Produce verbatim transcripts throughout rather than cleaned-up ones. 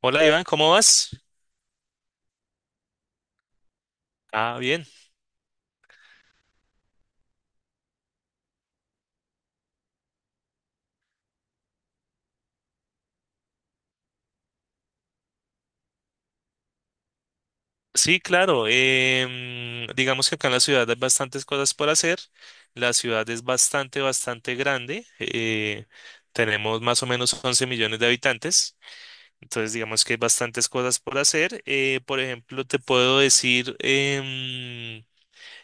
Hola Iván, ¿cómo vas? Ah, bien. Sí, claro. Em, digamos que acá en la ciudad hay bastantes cosas por hacer. La ciudad es bastante, bastante grande. Eh, tenemos más o menos once millones de habitantes. Entonces, digamos que hay bastantes cosas por hacer. Eh, por ejemplo, te puedo decir, em,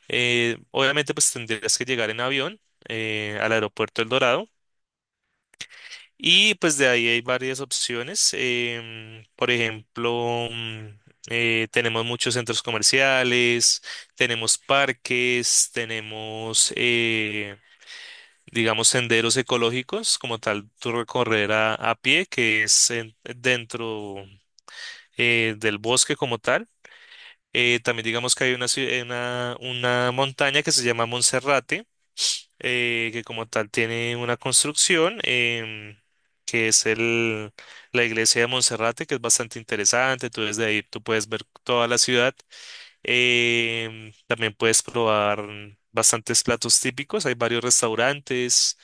eh, obviamente, pues tendrías que llegar en avión eh, al aeropuerto El Dorado. Y pues de ahí hay varias opciones. Em, por ejemplo, mm, eh, tenemos muchos centros comerciales, tenemos parques, tenemos, eh, digamos, senderos ecológicos, como tal, tú recorrer a, a pie, que es en- dentro eh, del bosque como tal. Eh, también digamos que hay una, ci- una, una montaña que se llama Monserrate, eh, que como tal tiene una construcción em, que es el, la iglesia de Monserrate, que es bastante interesante. Tú desde ahí tú puedes ver toda la ciudad. Em, también puedes probar bastantes platos típicos. Hay varios restaurantes.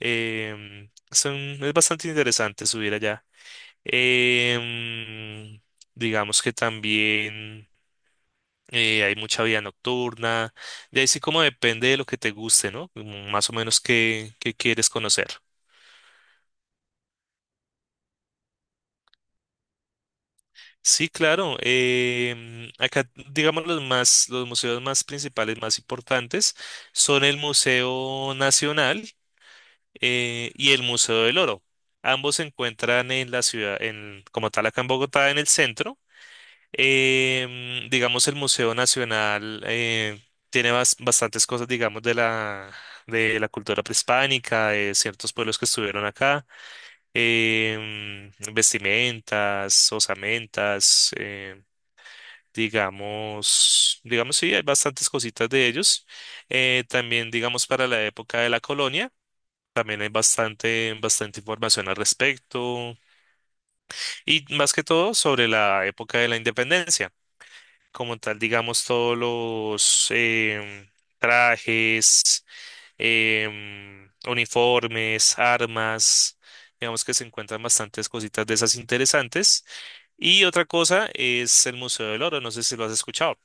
em, son, es bastante interesante subir allá. Em, digamos que también eh, hay mucha vida nocturna. De ahí sí como depende de lo que te guste, ¿no? Como más o menos qué, qué quieres conocer. Sí, claro. Em, acá, digamos, los más, los museos más principales, más importantes, son el Museo Nacional eh, y el Museo del Oro. Ambos se encuentran en la ciudad, en, como tal, acá en Bogotá, en el centro. Em, digamos, el Museo Nacional eh, tiene bas- bastantes cosas, digamos, de la, de la cultura prehispánica, de ciertos pueblos que estuvieron acá, em, vestimentas, osamentas, em, digamos, digamos, sí, hay bastantes cositas de ellos. Eh, también, digamos, para la época de la colonia. También hay bastante, bastante información al respecto y más que todo sobre la época de la independencia. Como tal, digamos, todos los em, trajes, em, uniformes, armas, digamos que se encuentran bastantes cositas de esas interesantes. Y otra cosa es el Museo del Oro, no sé si lo has escuchado.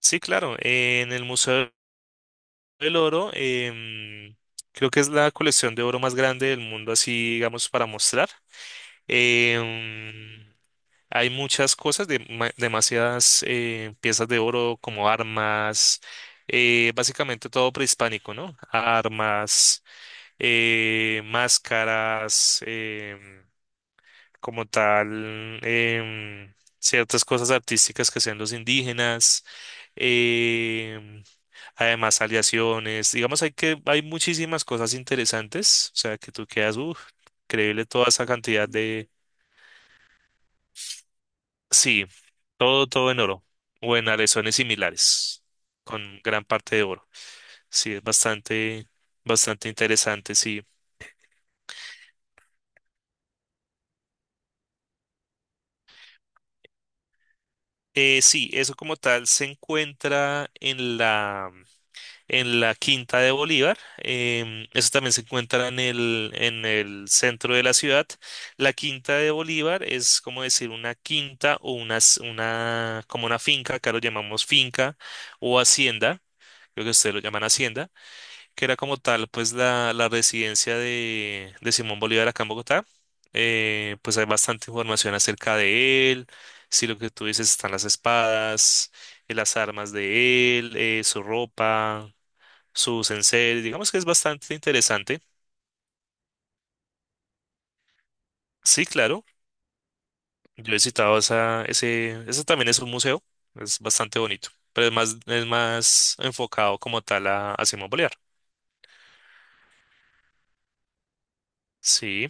Sí, claro, en el Museo del Oro, em, creo que es la colección de oro más grande del mundo, así, digamos, para mostrar. Em, Hay muchas cosas, de- ma- demasiadas eh, piezas de oro como armas, eh, básicamente todo prehispánico, ¿no? Armas, eh, máscaras, em, como tal, em, ciertas cosas artísticas que sean los indígenas, em, además aleaciones, digamos, hay que, hay muchísimas cosas interesantes, o sea, que tú quedas, uff, increíble toda esa cantidad. Sí, todo, todo en oro o en aleaciones similares, con gran parte de oro. Sí, es bastante, bastante interesante, sí. Eh, sí, eso como tal se encuentra en la, en la Quinta de Bolívar. Em, eso también se encuentra en el, en el centro de la ciudad. La Quinta de Bolívar es como decir una quinta o una, s- una, como una finca, acá lo llamamos finca o hacienda, creo que ustedes lo llaman hacienda, que era como tal, pues la, la residencia de, de Simón Bolívar acá en Bogotá. Eh, pues hay bastante información acerca de él, si lo que tú dices están las espadas, eh, las armas de él, eh, su ropa, sus enseres, digamos que es bastante interesante. Sí, claro, yo he citado esa, ese, ese también es un museo, es bastante bonito, pero es más, es más enfocado como tal a, a Simón Bolívar. Sí.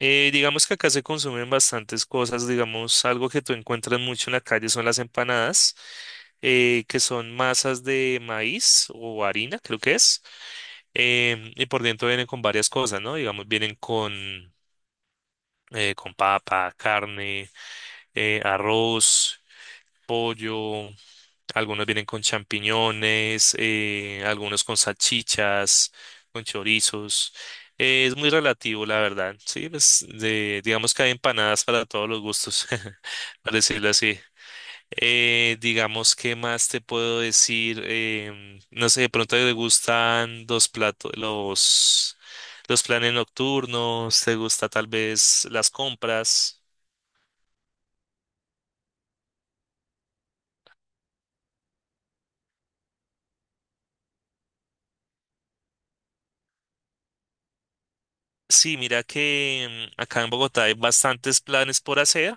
Eh, digamos que acá se consumen bastantes cosas, digamos, algo que tú encuentras mucho en la calle son las empanadas, eh, que son masas de maíz o harina, creo que es, em, y por dentro vienen con varias cosas, ¿no? Digamos, vienen con, eh, con papa, carne, eh, arroz, pollo. Algunos vienen con champiñones, eh, algunos con salchichas, con chorizos. Eh, es muy relativo, la verdad. Sí, pues, de- digamos que hay empanadas para todos los gustos, para decirlo así. Eh, digamos, ¿qué más te puedo decir? Em, no sé, de pronto te gustan los platos, los, los planes nocturnos, te gusta tal vez las compras. Sí, mira que em, acá en Bogotá hay bastantes planes por hacer.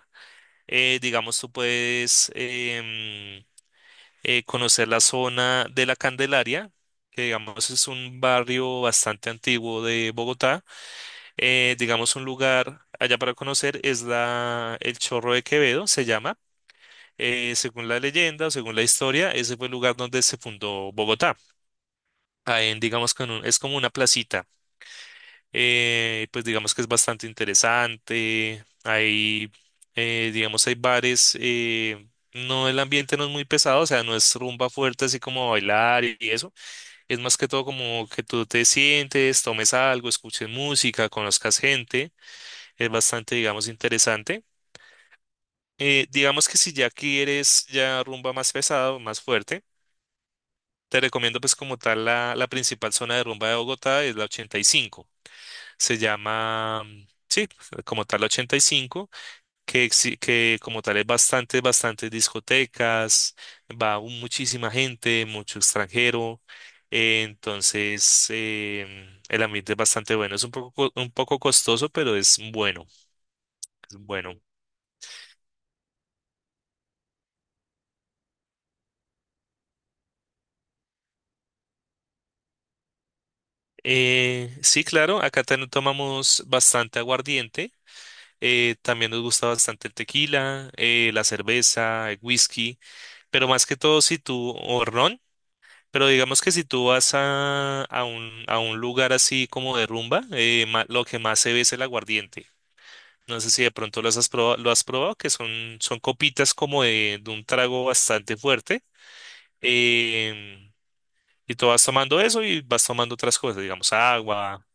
eh, digamos, tú puedes em, eh, conocer la zona de la Candelaria, que digamos es un barrio bastante antiguo de Bogotá. Eh, digamos, un lugar allá para conocer es la, el Chorro de Quevedo, se llama. Eh, según la leyenda, según la historia, ese fue el lugar donde se fundó Bogotá. Ahí, en, digamos, con un- es como una placita. Eh, pues digamos que es bastante interesante. Hay, eh, digamos, hay bares. Eh, no, el ambiente no es muy pesado, o sea, no es rumba fuerte así como bailar y y eso. Es más que todo como que tú te sientes, tomes algo, escuches música, conozcas gente. Es bastante, digamos, interesante. Eh, digamos que si ya quieres ya rumba más pesado, más fuerte, te recomiendo pues como tal la, la principal zona de rumba de Bogotá es la ochenta y cinco. se llama, mm, sí, como tal ochenta y cinco, que, exi- que como tal es bastante, bastantes discotecas, va un- muchísima gente, mucho extranjero, eh, entonces em, el ambiente es bastante bueno, es un poco, co- un poco costoso, pero es bueno, es bueno. Eh, sí, claro, acá también tomamos bastante aguardiente. Eh, también nos gusta bastante el tequila, eh, la cerveza, el whisky, pero más que todo si tú, o ron, pero digamos que si tú vas a, a un, a un lugar así como de rumba, eh, ma- lo que más se ve es el aguardiente. No sé si de pronto los has probado, lo has probado, que son, son copitas como de, de un trago bastante fuerte. em, y tú vas tomando eso y vas tomando otras cosas, digamos agua,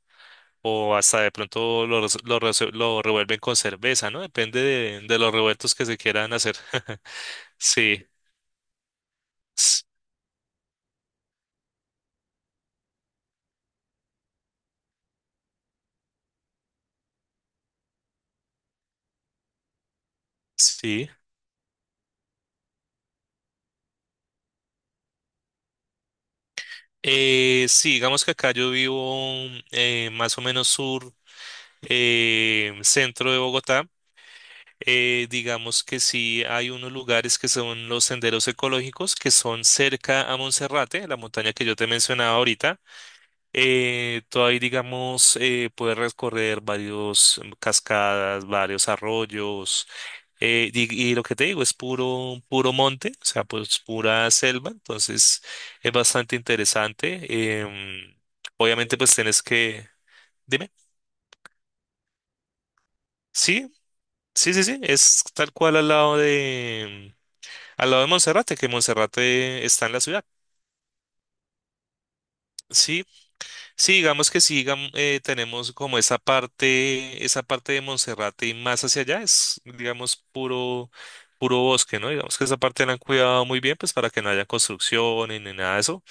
o hasta de pronto lo, res- lo, rese- lo revuelven con cerveza, ¿no? Depende de, de los revueltos que se quieran hacer. Sí, s- sí. Eh, sí, digamos que acá yo vivo mm, eh, más o menos sur, eh, centro de Bogotá. Eh, digamos que sí hay unos lugares que son los senderos ecológicos que son cerca a Monserrate, la montaña que yo te mencionaba ahorita. Eh, tú ahí, digamos, eh, puedes recorrer varios mm, cascadas, varios arroyos eh, y, y lo que te digo es puro, puro monte, o sea, pues pura selva, entonces es bastante interesante. Em, obviamente, pues tienes que... Dime. Sí, sí, sí, sí, es tal cual al lado de... Al lado de Monserrate, que Monserrate está en la ciudad. Sí, sí, digamos que sí, digam- eh, tenemos como esa parte, esa parte de Monserrate y más hacia allá es, digamos, puro, puro bosque, ¿no? Digamos que esa parte la han cuidado muy bien, pues para que no haya construcciones ni nada de eso.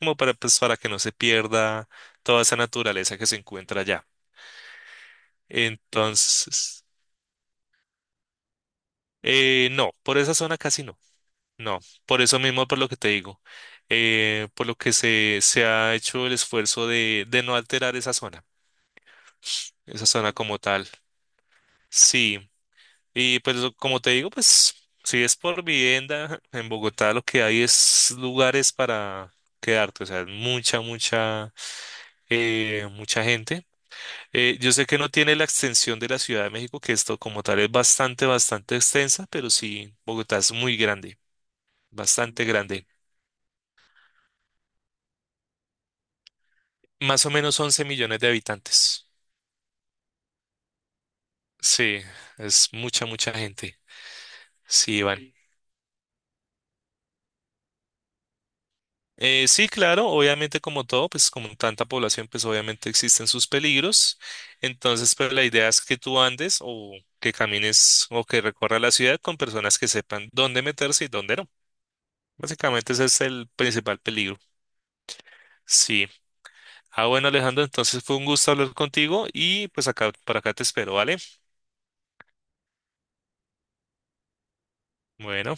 Como para, pues, para que no se pierda toda esa naturaleza que se encuentra allá. Entonces, eh, no, por esa zona casi no, no, por eso mismo, por lo que te digo, eh, por lo que se, se ha hecho el esfuerzo de, de no alterar esa zona, esa zona como tal. Sí, y pues lo- como te digo, pues si es por vivienda, en Bogotá lo que hay es lugares para quedarte, o sea, mucha, mucha, eh, mucha gente. Eh, yo sé que no tiene la extensión de la Ciudad de México, que esto como tal es bastante, bastante extensa, pero sí, Bogotá es muy grande, bastante grande. Más o menos once millones de habitantes. Sí, es mucha, mucha gente. Sí, Iván. Eh, sí, claro, obviamente como todo, pues como tanta población, pues obviamente existen sus peligros. Entonces, pero la idea es que tú andes o que camines o que recorras la ciudad con personas que sepan dónde meterse y dónde no. Básicamente ese es el principal peligro. Sí. Ah, bueno, Alejandro, entonces fue un gusto hablar contigo y pues acá, para acá te espero, ¿vale? Bueno.